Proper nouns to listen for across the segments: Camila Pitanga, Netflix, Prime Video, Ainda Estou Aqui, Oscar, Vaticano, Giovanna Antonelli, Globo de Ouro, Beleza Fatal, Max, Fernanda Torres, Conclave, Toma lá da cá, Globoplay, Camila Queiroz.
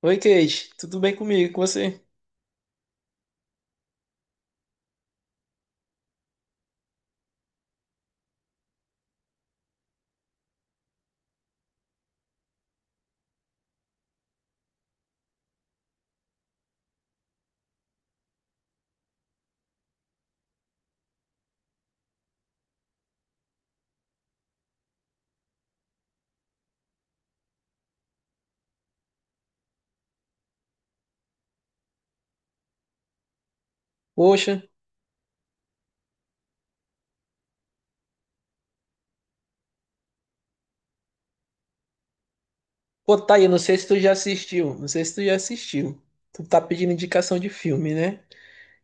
Oi, Kate, tudo bem comigo? Com você? Poxa, pô, tá aí, não sei se tu já assistiu, não sei se tu já assistiu. Tu tá pedindo indicação de filme, né?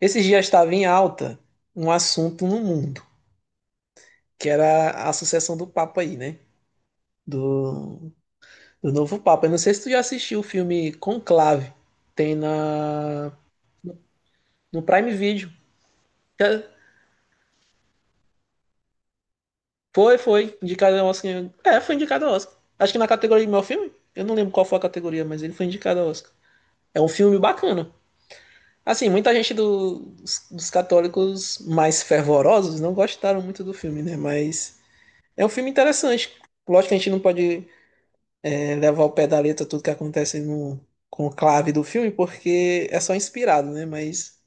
Esses dias estava em alta um assunto no mundo, que era a sucessão do Papa aí, né? Do, do novo Papa. Eu não sei se tu já assistiu o filme Conclave, tem na, no Prime Video. Já- foi indicado ao Oscar. Foi indicado ao Oscar. Acho que na categoria de melhor filme? Eu não lembro qual foi a categoria, mas ele foi indicado ao Oscar. É um filme bacana. Assim, muita gente dos católicos mais fervorosos não gostaram muito do filme, né? Mas é um filme interessante. Lógico que a gente não pode levar ao pé da letra tudo que acontece no conclave do filme, porque é só inspirado, né? Mas,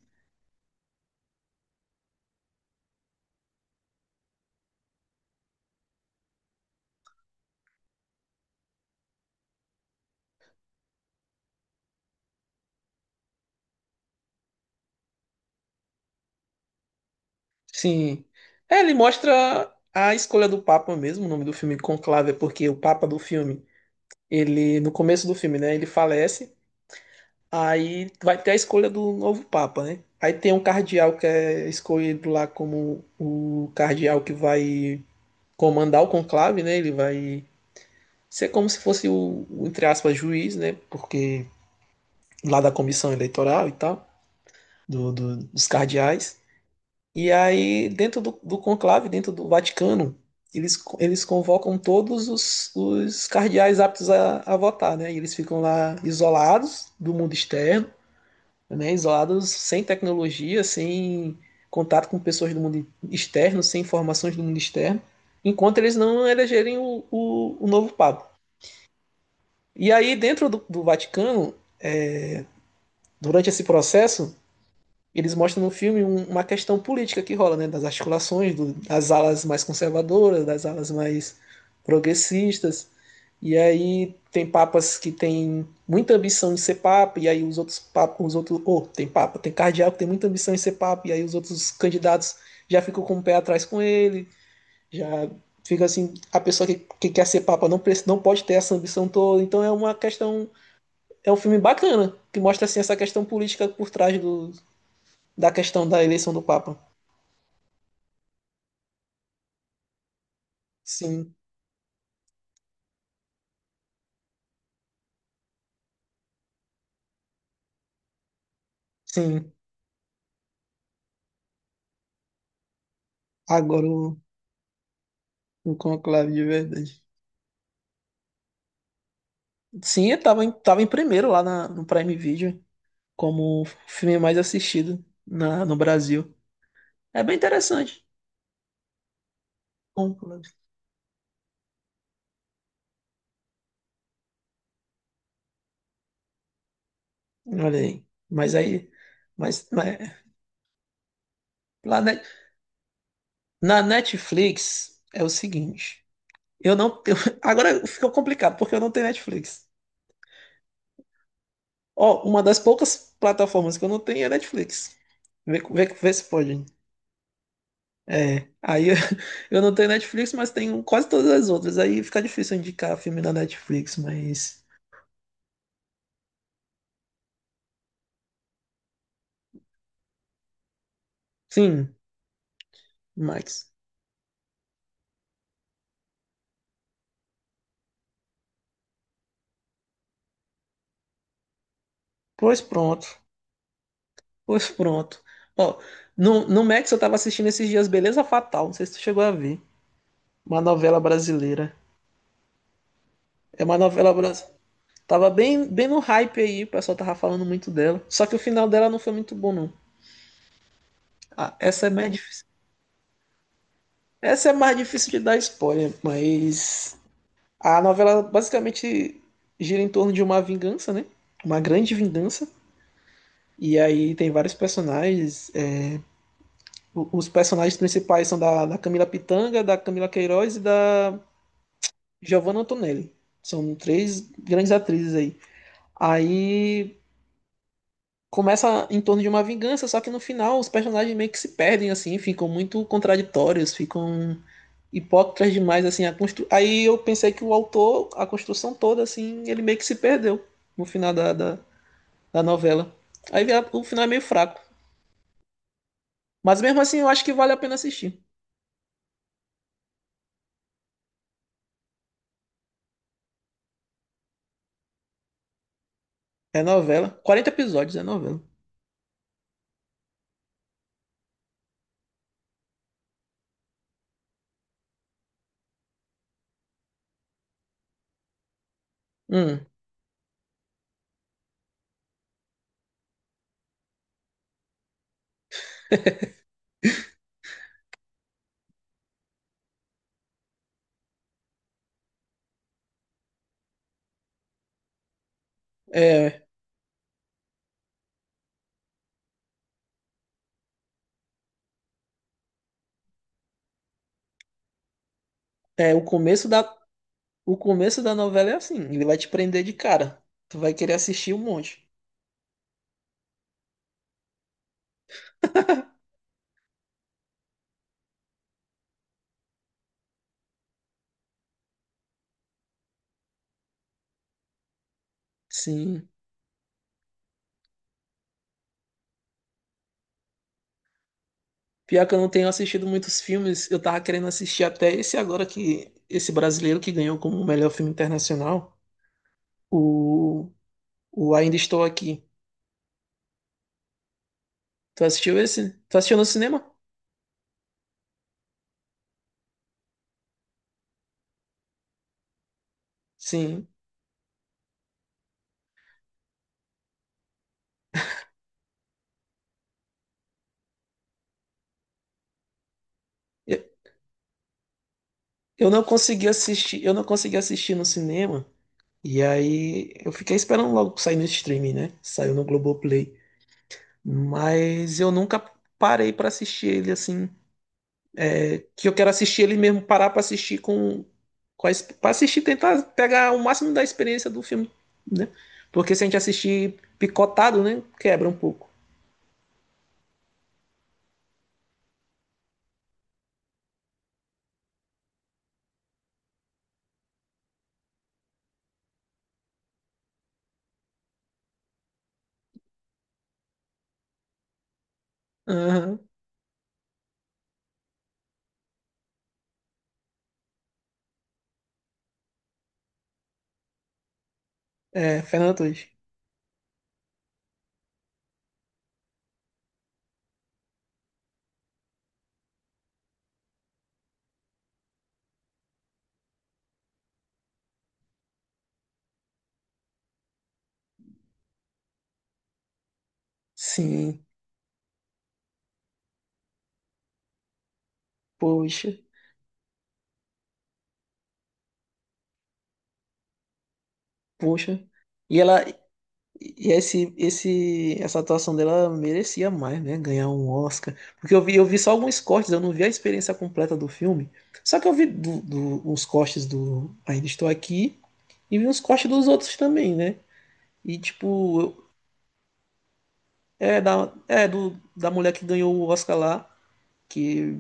sim. É, ele mostra a escolha do Papa mesmo. O nome do filme Conclave é porque o Papa do filme, ele, no começo do filme, né? Ele falece. Aí vai ter a escolha do novo Papa, né? Aí tem um cardeal que é escolhido lá como o cardeal que vai comandar o conclave, né? Ele vai ser como se fosse entre aspas, juiz, né? Porque lá da comissão eleitoral e tal, dos cardeais. E aí, dentro do conclave, dentro do Vaticano, eles convocam todos os cardeais aptos a votar, né? E eles ficam lá isolados do mundo externo, né, isolados, sem tecnologia, sem contato com pessoas do mundo externo, sem informações do mundo externo, enquanto eles não elegerem o novo Papa. E aí, dentro do Vaticano, durante esse processo, eles mostram no filme uma questão política que rola, né, das articulações, das alas mais conservadoras, das alas mais progressistas. E aí tem papas que tem muita ambição de ser papa, e aí os outros papas, os outros, oh, tem papa, tem cardeal que tem muita ambição de ser papa, e aí os outros candidatos já ficam com o pé atrás com ele, já fica assim, a pessoa que quer ser papa não, não pode ter essa ambição toda, então é uma questão, é um filme bacana, que mostra assim essa questão política por trás do, da questão da eleição do papa. Sim, sim. Agora o conclave de verdade. Sim, tava em primeiro lá no Prime Video, como o filme mais assistido no Brasil. É bem interessante. Bom, olha aí. Mas aí. Mas né, lá na, na Netflix é o seguinte. Eu não tenho. Agora ficou complicado, porque eu não tenho Netflix. Ó, uma das poucas plataformas que eu não tenho é Netflix. Vê se pode. É. Aí eu, eu não tenho Netflix, mas tenho quase todas as outras. Aí fica difícil indicar filme na Netflix, mas. Sim, Max. Pois pronto. Pois pronto. Ó, no Max eu tava assistindo esses dias Beleza Fatal, não sei se tu chegou a ver. Uma novela brasileira. É uma novela brasileira. Tava bem no hype aí, o pessoal tava falando muito dela. Só que o final dela não foi muito bom, não. Ah, essa é mais difícil. Essa é mais difícil de dar spoiler, mas a novela basicamente gira em torno de uma vingança, né? Uma grande vingança. E aí tem vários personagens. O- Os personagens principais são da Camila Pitanga, da Camila Queiroz e da Giovanna Antonelli. São três grandes atrizes aí. Aí começa em torno de uma vingança, só que no final os personagens meio que se perdem, assim, ficam muito contraditórios, ficam hipócritas demais, assim. A constru... Aí eu pensei que o autor, a construção toda, assim, ele meio que se perdeu no final da novela. Aí o final é meio fraco. Mas mesmo assim eu acho que vale a pena assistir. É novela. 40 episódios, é novela. Hum, é, é o começo da, o começo da novela é assim, ele vai te prender de cara. Tu vai querer assistir um monte. Sim. Pior que eu não tenho assistido muitos filmes, eu tava querendo assistir até esse agora que esse brasileiro que ganhou como melhor filme internacional, o, o Ainda Estou Aqui. Tu assistiu esse? Tu assistiu no cinema? Sim. Eu, eu não consegui assistir, eu não consegui assistir no cinema. E aí eu fiquei esperando logo sair no streaming, né? Saiu no Globoplay. Mas eu nunca parei pra assistir ele assim que eu quero assistir ele mesmo, parar pra assistir com a, ex- pra assistir, tentar pegar o máximo da experiência do filme, né? Porque se a gente assistir picotado, né, quebra um pouco. Aham. É, Fernanda Torres. Sim, poxa, poxa. E ela, essa atuação dela merecia mais, né? Ganhar um Oscar. Porque eu vi só alguns cortes, eu não vi a experiência completa do filme. Só que eu vi uns cortes do Ainda Estou Aqui e vi uns cortes dos outros também, né? E, tipo, é do, da mulher que ganhou o Oscar lá, que,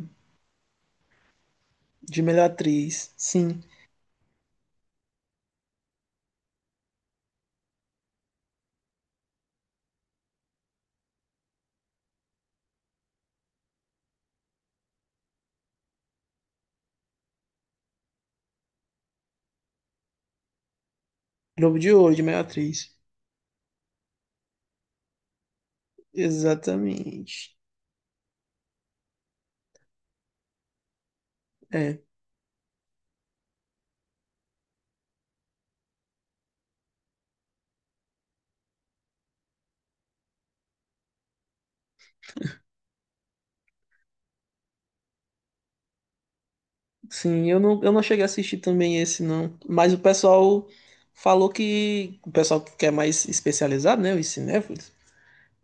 de melhor atriz. Sim, Globo de Ouro, de melhor atriz. Exatamente. É, sim, eu não cheguei a assistir também esse, não. Mas o pessoal falou que. O pessoal que é mais especializado, né? Os cinéfilos,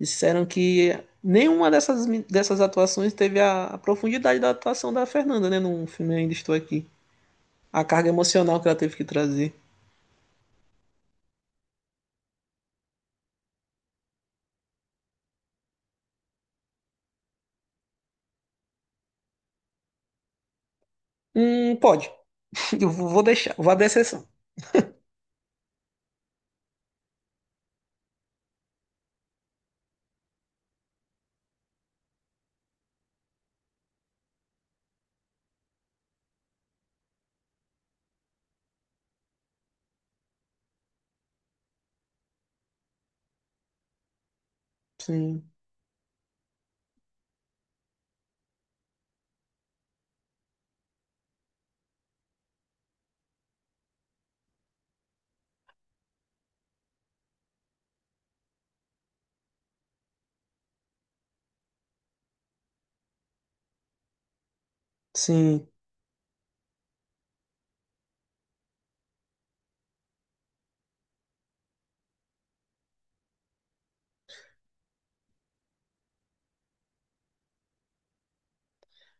disseram que nenhuma dessas atuações teve a profundidade da atuação da Fernanda, né? No filme Ainda Estou Aqui. A carga emocional que ela teve que trazer. Pode. Eu vou dar exceção. Sim, sim,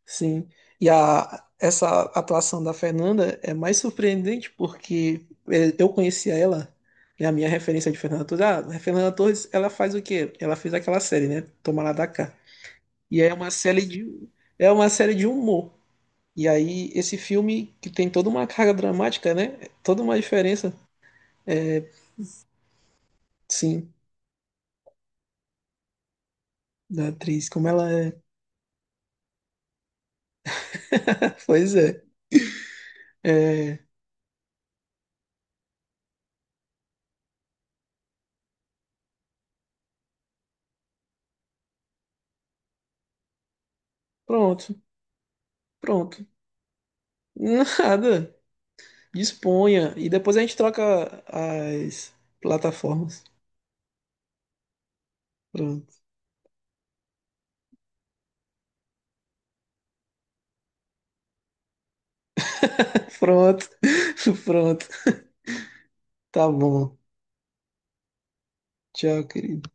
sim. E a, essa atuação da Fernanda é mais surpreendente porque é, eu conhecia ela, e a minha referência de Fernanda Torres, ah, a Fernanda Torres, ela faz o quê? Ela fez aquela série, né? Toma lá da cá. E é uma série de, é uma série de humor. E aí, esse filme que tem toda uma carga dramática, né? Toda uma diferença. É, sim, da atriz, como ela é. Pois é. É, pronto, pronto. Nada. Disponha. E depois a gente troca as plataformas. Pronto. Pronto. Pronto. Tá bom. Tchau, querido.